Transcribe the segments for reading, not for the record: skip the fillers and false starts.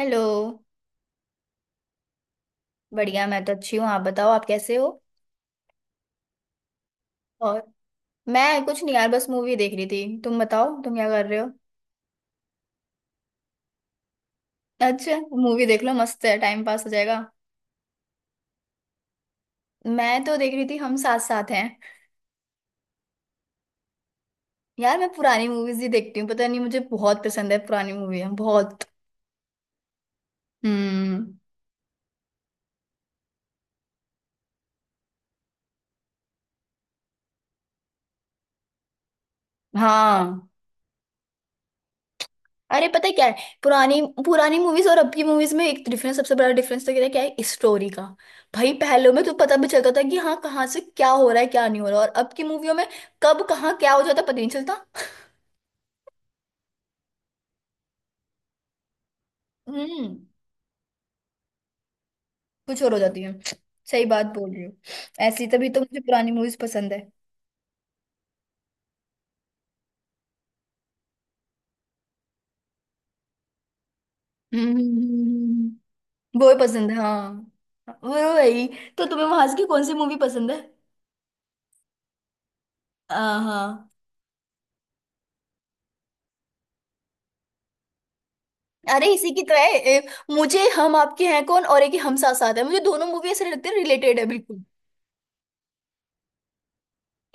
Hello. बढ़िया मैं तो अच्छी हूँ, आप बताओ आप कैसे हो। और मैं कुछ नहीं यार, बस मूवी देख रही थी, तुम बताओ तुम क्या कर रहे हो। अच्छा, मूवी देख लो, मस्त है, टाइम पास हो जाएगा। मैं तो देख रही थी हम साथ साथ हैं। यार मैं पुरानी मूवीज ही देखती हूँ, पता नहीं मुझे बहुत पसंद है पुरानी मूवी बहुत। हम्म। हाँ, अरे पता है क्या है। पुरानी पुरानी मूवीज और अब की मूवीज में एक डिफरेंस, सबसे बड़ा डिफरेंस तो क्या है स्टोरी का। भाई पहले में तो पता भी चलता था कि हाँ कहाँ से क्या हो रहा है, क्या नहीं हो रहा, और अब की मूवियों में कब कहाँ क्या हो जाता है, पता नहीं चलता। हम्म। कुछ और हो जाती है। सही बात बोल रही हो। ऐसी तभी तो मुझे पुरानी मूवीज पसंद है। हम्म। हम्म। हम्म। हम्म। वो ही पसंद है, हाँ। वो वही तो तुम्हें वहाज की कौन सी मूवी पसंद है? आ, हाँ, अरे इसी की तो है, मुझे हम आपके हैं कौन और एक ही हम साथ साथ है, मुझे दोनों मूवी ऐसे लगते हैं रिलेटेड है बिल्कुल।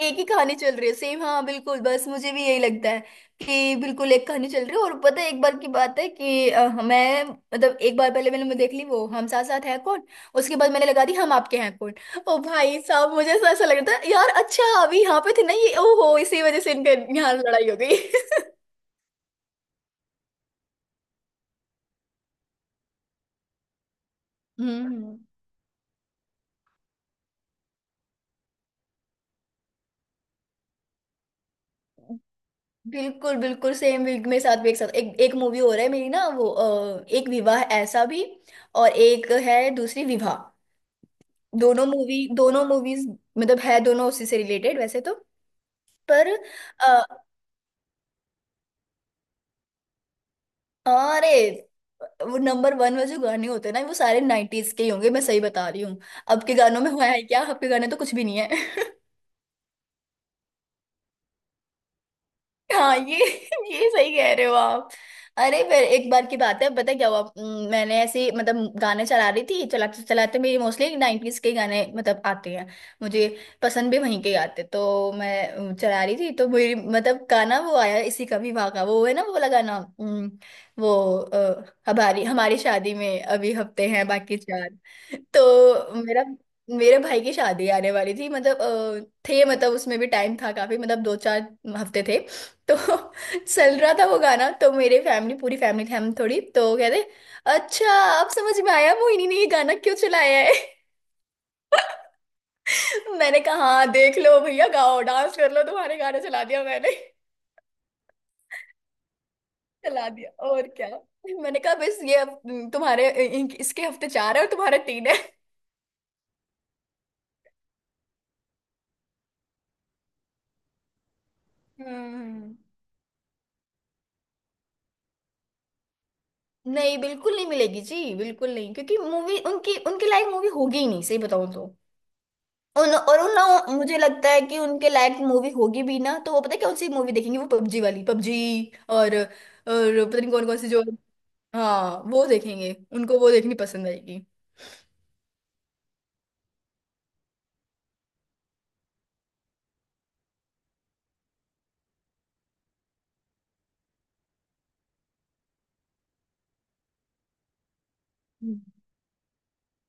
एक ही कहानी चल रही है सेम, हाँ बिल्कुल, बस मुझे भी यही लगता है कि बिल्कुल एक कहानी चल रही है। और पता है, एक बार की बात है कि मैं मतलब एक बार पहले मैंने देख ली वो हम साथ साथ है कौन, उसके बाद मैंने लगा दी हम आपके हैं कौन। ओ भाई साहब, मुझे ऐसा ऐसा लग रहा था यार, अच्छा अभी यहाँ पे थे ना ये, ओहो इसी वजह से इनके यहाँ लड़ाई हो गई। हम्म। हम्म। बिल्कुल बिल्कुल सेम वीक में साथ भी, एक साथ एक एक मूवी हो रहा है मेरी ना, वो एक विवाह ऐसा भी और एक है दूसरी विवाह। दोनों मूवीज मतलब है दोनों उसी से रिलेटेड वैसे तो। पर अ, अरे, वो नंबर वन में जो गाने होते हैं ना, वो सारे 90s के ही होंगे, मैं सही बता रही हूँ। अब के गानों में हुआ है क्या, अब के गाने तो कुछ भी नहीं है। हाँ, ये ये सही कह रहे हो आप। अरे फिर एक बार की बात है, पता है क्या हुआ, मैंने ऐसे ही, मतलब गाने चला रही थी, चलाते चलाते मेरी मोस्टली 90s के गाने मतलब आते हैं मुझे, पसंद भी वहीं के आते, तो मैं चला रही थी, तो मेरी मतलब गाना वो आया इसी का, विवाह का वो है ना वो वाला गाना, वो हमारी हमारी शादी में अभी हफ्ते हैं बाकी चार। तो मेरा मेरे भाई की शादी आने वाली थी मतलब, थे मतलब उसमें भी टाइम था काफी, मतलब दो चार हफ्ते थे। तो चल रहा था वो गाना, तो मेरे फैमिली पूरी फैमिली थी, हम थोड़ी तो वो कहते, अच्छा अब समझ में आया मोहिनी ने ये गाना क्यों चलाया है। मैंने कहा हाँ देख लो भैया, गाओ डांस कर लो, तुम्हारे गाना चला दिया मैंने। चला दिया और क्या, मैंने कहा बस ये अब तुम्हारे इसके हफ्ते चार है और तुम्हारे तीन है। हम्म। नहीं बिल्कुल नहीं मिलेगी जी, बिल्कुल नहीं, क्योंकि मूवी उनकी उनके लायक मूवी होगी ही नहीं, सही बताऊं तो। उन और उन ना मुझे लगता है कि उनके लायक मूवी होगी भी ना, तो वो पता है कौन सी मूवी देखेंगे, वो पबजी वाली पबजी, और पता नहीं कौन कौन सी जो। हाँ वो देखेंगे, उनको वो देखनी पसंद आएगी। हम्म।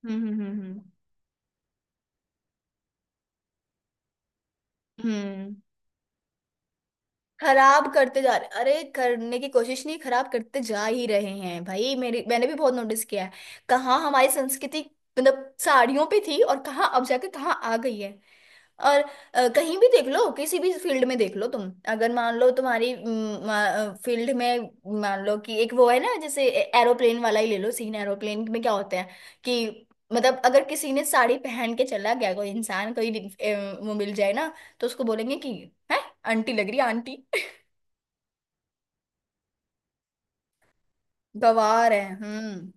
हम्म। हम्म। हम्म। हम्म। खराब करते जा रहे, अरे करने की कोशिश नहीं, खराब करते जा ही रहे हैं भाई मेरी, मैंने भी बहुत नोटिस किया है। कहाँ हमारी संस्कृति मतलब साड़ियों पे थी, और कहाँ अब जाके कहाँ आ गई है। और कहीं भी देख लो, किसी भी फील्ड में देख लो, तुम अगर मान लो तुम्हारी फील्ड में मान लो, कि एक वो है ना, जैसे एरोप्लेन वाला ही ले लो, सीन एरोप्लेन में क्या होता है कि, मतलब अगर किसी ने साड़ी पहन के चला गया, कोई इंसान कोई वो मिल जाए ना, तो उसको बोलेंगे कि "हैं? आंटी लग रही है, आंटी गवार है"। हम्म।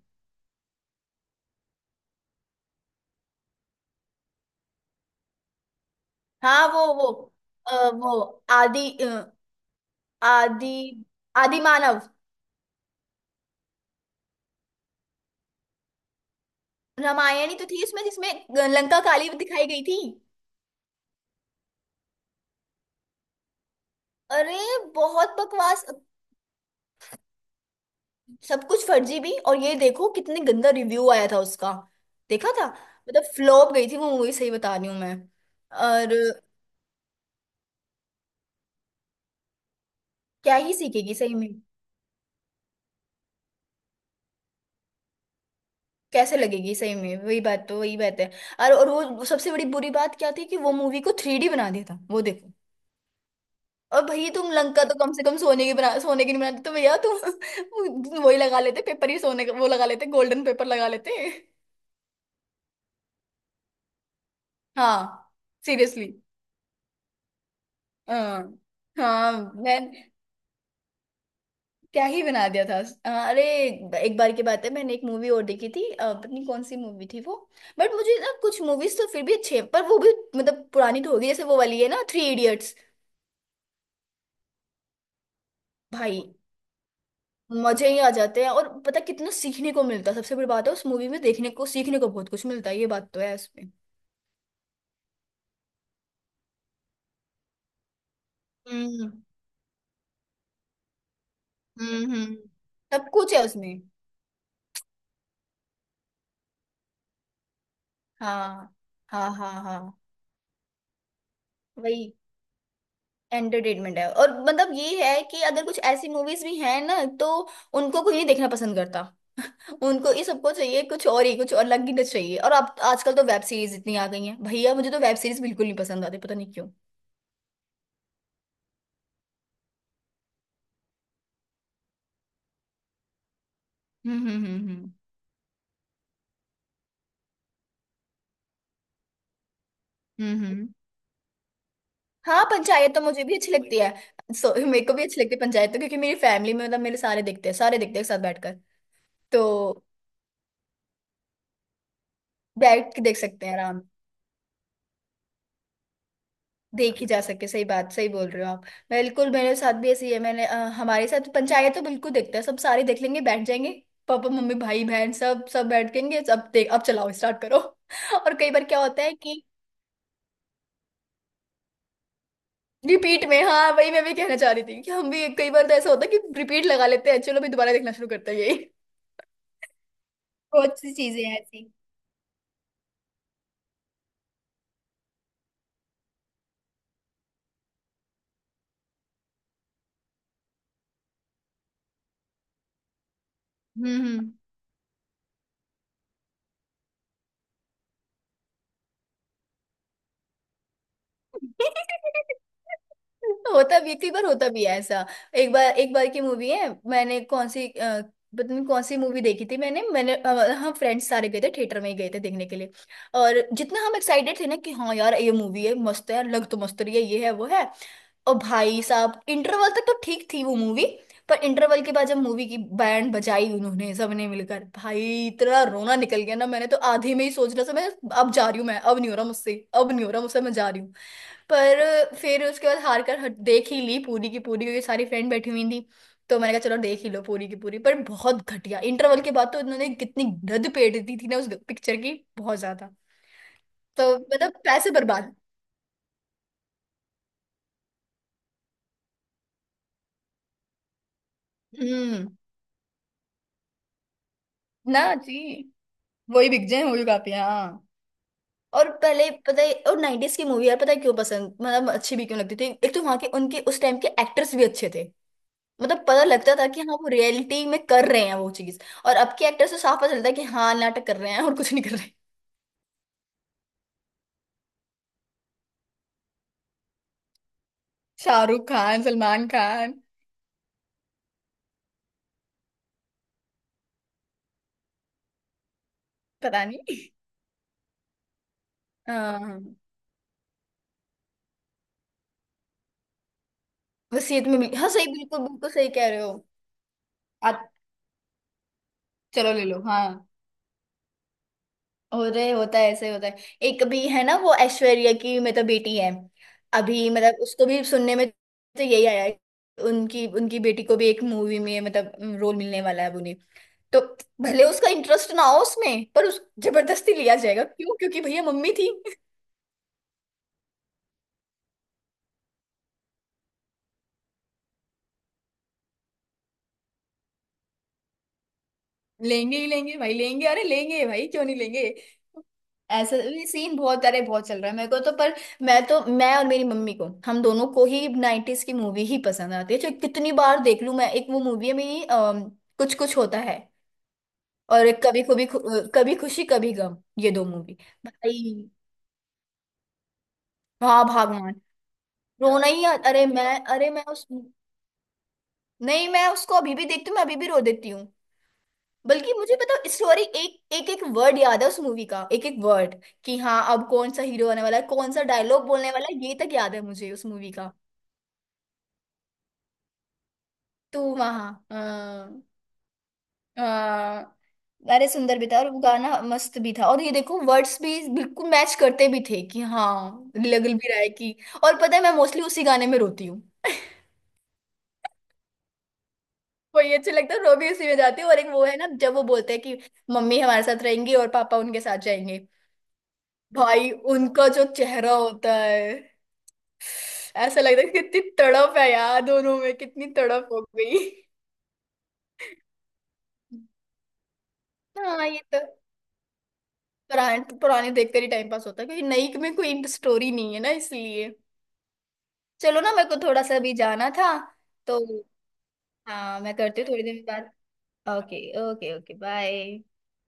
हाँ वो अ, वो आदि अ, आदि आदि मानव। रामायण ही तो थी उसमें, जिसमें लंका काली दिखाई गई थी। अरे बहुत बकवास, सब कुछ फर्जी भी, और ये देखो कितने गंदा रिव्यू आया था उसका, देखा था, मतलब फ्लॉप गई थी वो मूवी, सही बता रही हूँ मैं। और क्या ही सीखेगी सही में, कैसे लगेगी सही में, वही बात तो, वही बात है। और वो सबसे बड़ी बुरी बात क्या थी कि वो मूवी को 3D बना दिया था, वो देखो। और भैया तुम लंका तो कम से कम सोने की बना, सोने की नहीं बनाते तो भैया तुम वही लगा लेते, पेपर ही सोने का वो लगा लेते, गोल्डन पेपर लगा लेते। हाँ, सीरियसली। हाँ। हाँ। मैं क्या ही बना दिया था। हाँ, अरे एक बार की बात है, मैंने एक मूवी और देखी थी, पता नहीं कौन सी मूवी थी वो। बट मुझे ना कुछ मूवीज तो फिर भी अच्छे हैं, पर वो भी मतलब पुरानी तो होगी, जैसे वो वाली है ना थ्री इडियट्स। भाई मजे ही आ जाते हैं, और पता कितना सीखने को मिलता है, सबसे बड़ी बात है उस मूवी में, देखने को सीखने को बहुत कुछ मिलता है, ये बात तो है इसमें। हम्म। हम्म। हम्म। सब कुछ है उसमें। हाँ। हाँ। हाँ। हाँ वही एंटरटेनमेंट है, और मतलब ये है कि अगर कुछ ऐसी मूवीज भी हैं ना, तो उनको कोई नहीं देखना पसंद करता, उनको, ये सबको चाहिए कुछ और ही, कुछ और अलग ही कुछ चाहिए, और अब आजकल तो वेब सीरीज इतनी आ गई हैं भैया, मुझे तो वेब सीरीज बिल्कुल नहीं पसंद आती, पता नहीं क्यों। हम्म। हम्म। हम्म। हम्म। हम्म। हम्म। हाँ पंचायत तो मुझे भी अच्छी लगती है। सो मेरे को भी अच्छी लगती है पंचायत तो, क्योंकि मेरी फैमिली में, मतलब मेरे सारे देखते हैं, एक साथ बैठकर। तो बैठ के देख सकते हैं आराम, देखी जा सके, सही बात, सही बोल रहे हो आप। बिल्कुल मेरे साथ भी ऐसी है, मैंने हमारे साथ पंचायत तो बिल्कुल देखते हैं सब, सारे देख लेंगे, बैठ जाएंगे, पापा मम्मी भाई बहन सब, बैठ जाएंगे, अब देख, अब चलाओ, स्टार्ट करो। और कई बार क्या होता है कि रिपीट में, हाँ वही मैं भी कहना चाह रही थी कि हम भी कई बार तो ऐसा होता है कि रिपीट लगा लेते हैं, चलो भी दोबारा देखना शुरू करते हैं यही। बहुत सी चीजें हैं ऐसी। हम्म। हम्म। होता भी, कई बार होता भी है ऐसा। एक बार की मूवी है, मैंने कौन सी पता नहीं कौन सी मूवी देखी थी, मैंने मैंने हम फ्रेंड्स सारे गए थे, थिएटर में ही गए थे देखने के लिए। और जितना हम एक्साइटेड थे ना कि हाँ यार ये मूवी है, मस्त है, लग तो मस्त रही है, ये है वो है। ओ भाई साहब, इंटरवल तक तो ठीक थी वो मूवी, पर इंटरवल के बाद जब मूवी की बैंड बजाई उन्होंने सबने मिलकर भाई, इतना रोना निकल गया ना, मैंने तो आधे में ही सोच रहा था मैं, अब जा रही हूँ मैं, अब नहीं हो रहा मुझसे, अब नहीं हो रहा मुझसे, मैं जा रही हूँ। पर फिर उसके बाद हार कर, देख ही ली पूरी की पूरी, क्योंकि सारी फ्रेंड बैठी हुई थी। तो मैंने कहा चलो देख ही लो पूरी की पूरी, पर बहुत घटिया, इंटरवल के बाद तो इन्होंने कितनी गंद पेट दी थी ना उस पिक्चर की, बहुत ज्यादा। तो मतलब पैसे बर्बाद। हम्म। ना जी, वही बिक जाए वही काफी है, हाँ। और पहले पता है, और 90s की मूवी यार, पता है क्यों पसंद, मतलब अच्छी भी क्यों लगती थी, एक तो वहां के उनके उस टाइम के एक्टर्स भी अच्छे थे, मतलब पता लगता था कि हाँ वो रियलिटी में कर रहे हैं वो चीज। और अब के एक्टर्स से साफ पता चलता है कि हाँ नाटक कर रहे हैं और कुछ नहीं कर रहे। शाहरुख खान, सलमान खान, पता नहीं। हाँ वसीयत में मिली, हाँ सही, बिल्कुल बिल्कुल सही कह रहे हो। आ, चलो ले लो, हाँ, अरे होता है ऐसे ही होता है। एक भी है ना, वो ऐश्वर्या की मतलब बेटी है, अभी मतलब उसको भी सुनने में तो यही आया है, उनकी उनकी बेटी को भी एक मूवी में मतलब रोल मिलने वाला है अब उन्हें। तो भले उसका इंटरेस्ट ना हो उसमें, पर उस जबरदस्ती लिया जाएगा क्यों, क्योंकि भैया मम्मी थी। लेंगे ही लेंगे भाई लेंगे, अरे लेंगे भाई क्यों नहीं लेंगे। ऐसा ये सीन बहुत, अरे बहुत चल रहा है मेरे को तो, पर मैं तो, मैं और मेरी मम्मी को, हम दोनों को ही 90s की मूवी ही पसंद आती है, जो कितनी बार देख लूं मैं, एक वो मूवी है मेरी, कुछ कुछ होता है, और एक कभी कभी, कभी खुशी कभी गम, ये दो मूवी भाई। हाँ भगवान, अरे मैं उस नहीं, मैं उसको अभी भी देखती हूँ, मैं अभी भी रो देती हूँ। बल्कि मुझे पता स्टोरी, एक एक एक वर्ड याद है उस मूवी का, एक एक वर्ड, कि हाँ अब कौन सा हीरो आने वाला है, कौन सा डायलॉग बोलने वाला है, ये तक याद है मुझे उस मूवी का। तू वहां, अ, अरे सुंदर भी था, और वो गाना मस्त भी था, और ये देखो वर्ड्स भी बिल्कुल मैच करते भी थे कि हाँ लग भी रहा है कि, और पता है मैं मोस्टली उसी गाने में रोती हूँ। वही अच्छा लगता है, रो भी उसी में जाती हूँ, और एक वो है ना जब वो बोलते हैं कि मम्मी हमारे साथ रहेंगी और पापा उनके साथ जाएंगे, भाई उनका जो चेहरा होता है, ऐसा लगता है कितनी तड़प है यार, दोनों में कितनी तड़प हो गई। हाँ ये तो, पुराने पुराने देखते ही टाइम पास होता है, क्योंकि नई में कोई स्टोरी नहीं है ना, इसलिए। चलो ना, मेरे को थोड़ा सा अभी जाना था। तो हाँ मैं करती हूँ थोड़ी देर बाद। ओके। Okay, okay, bye.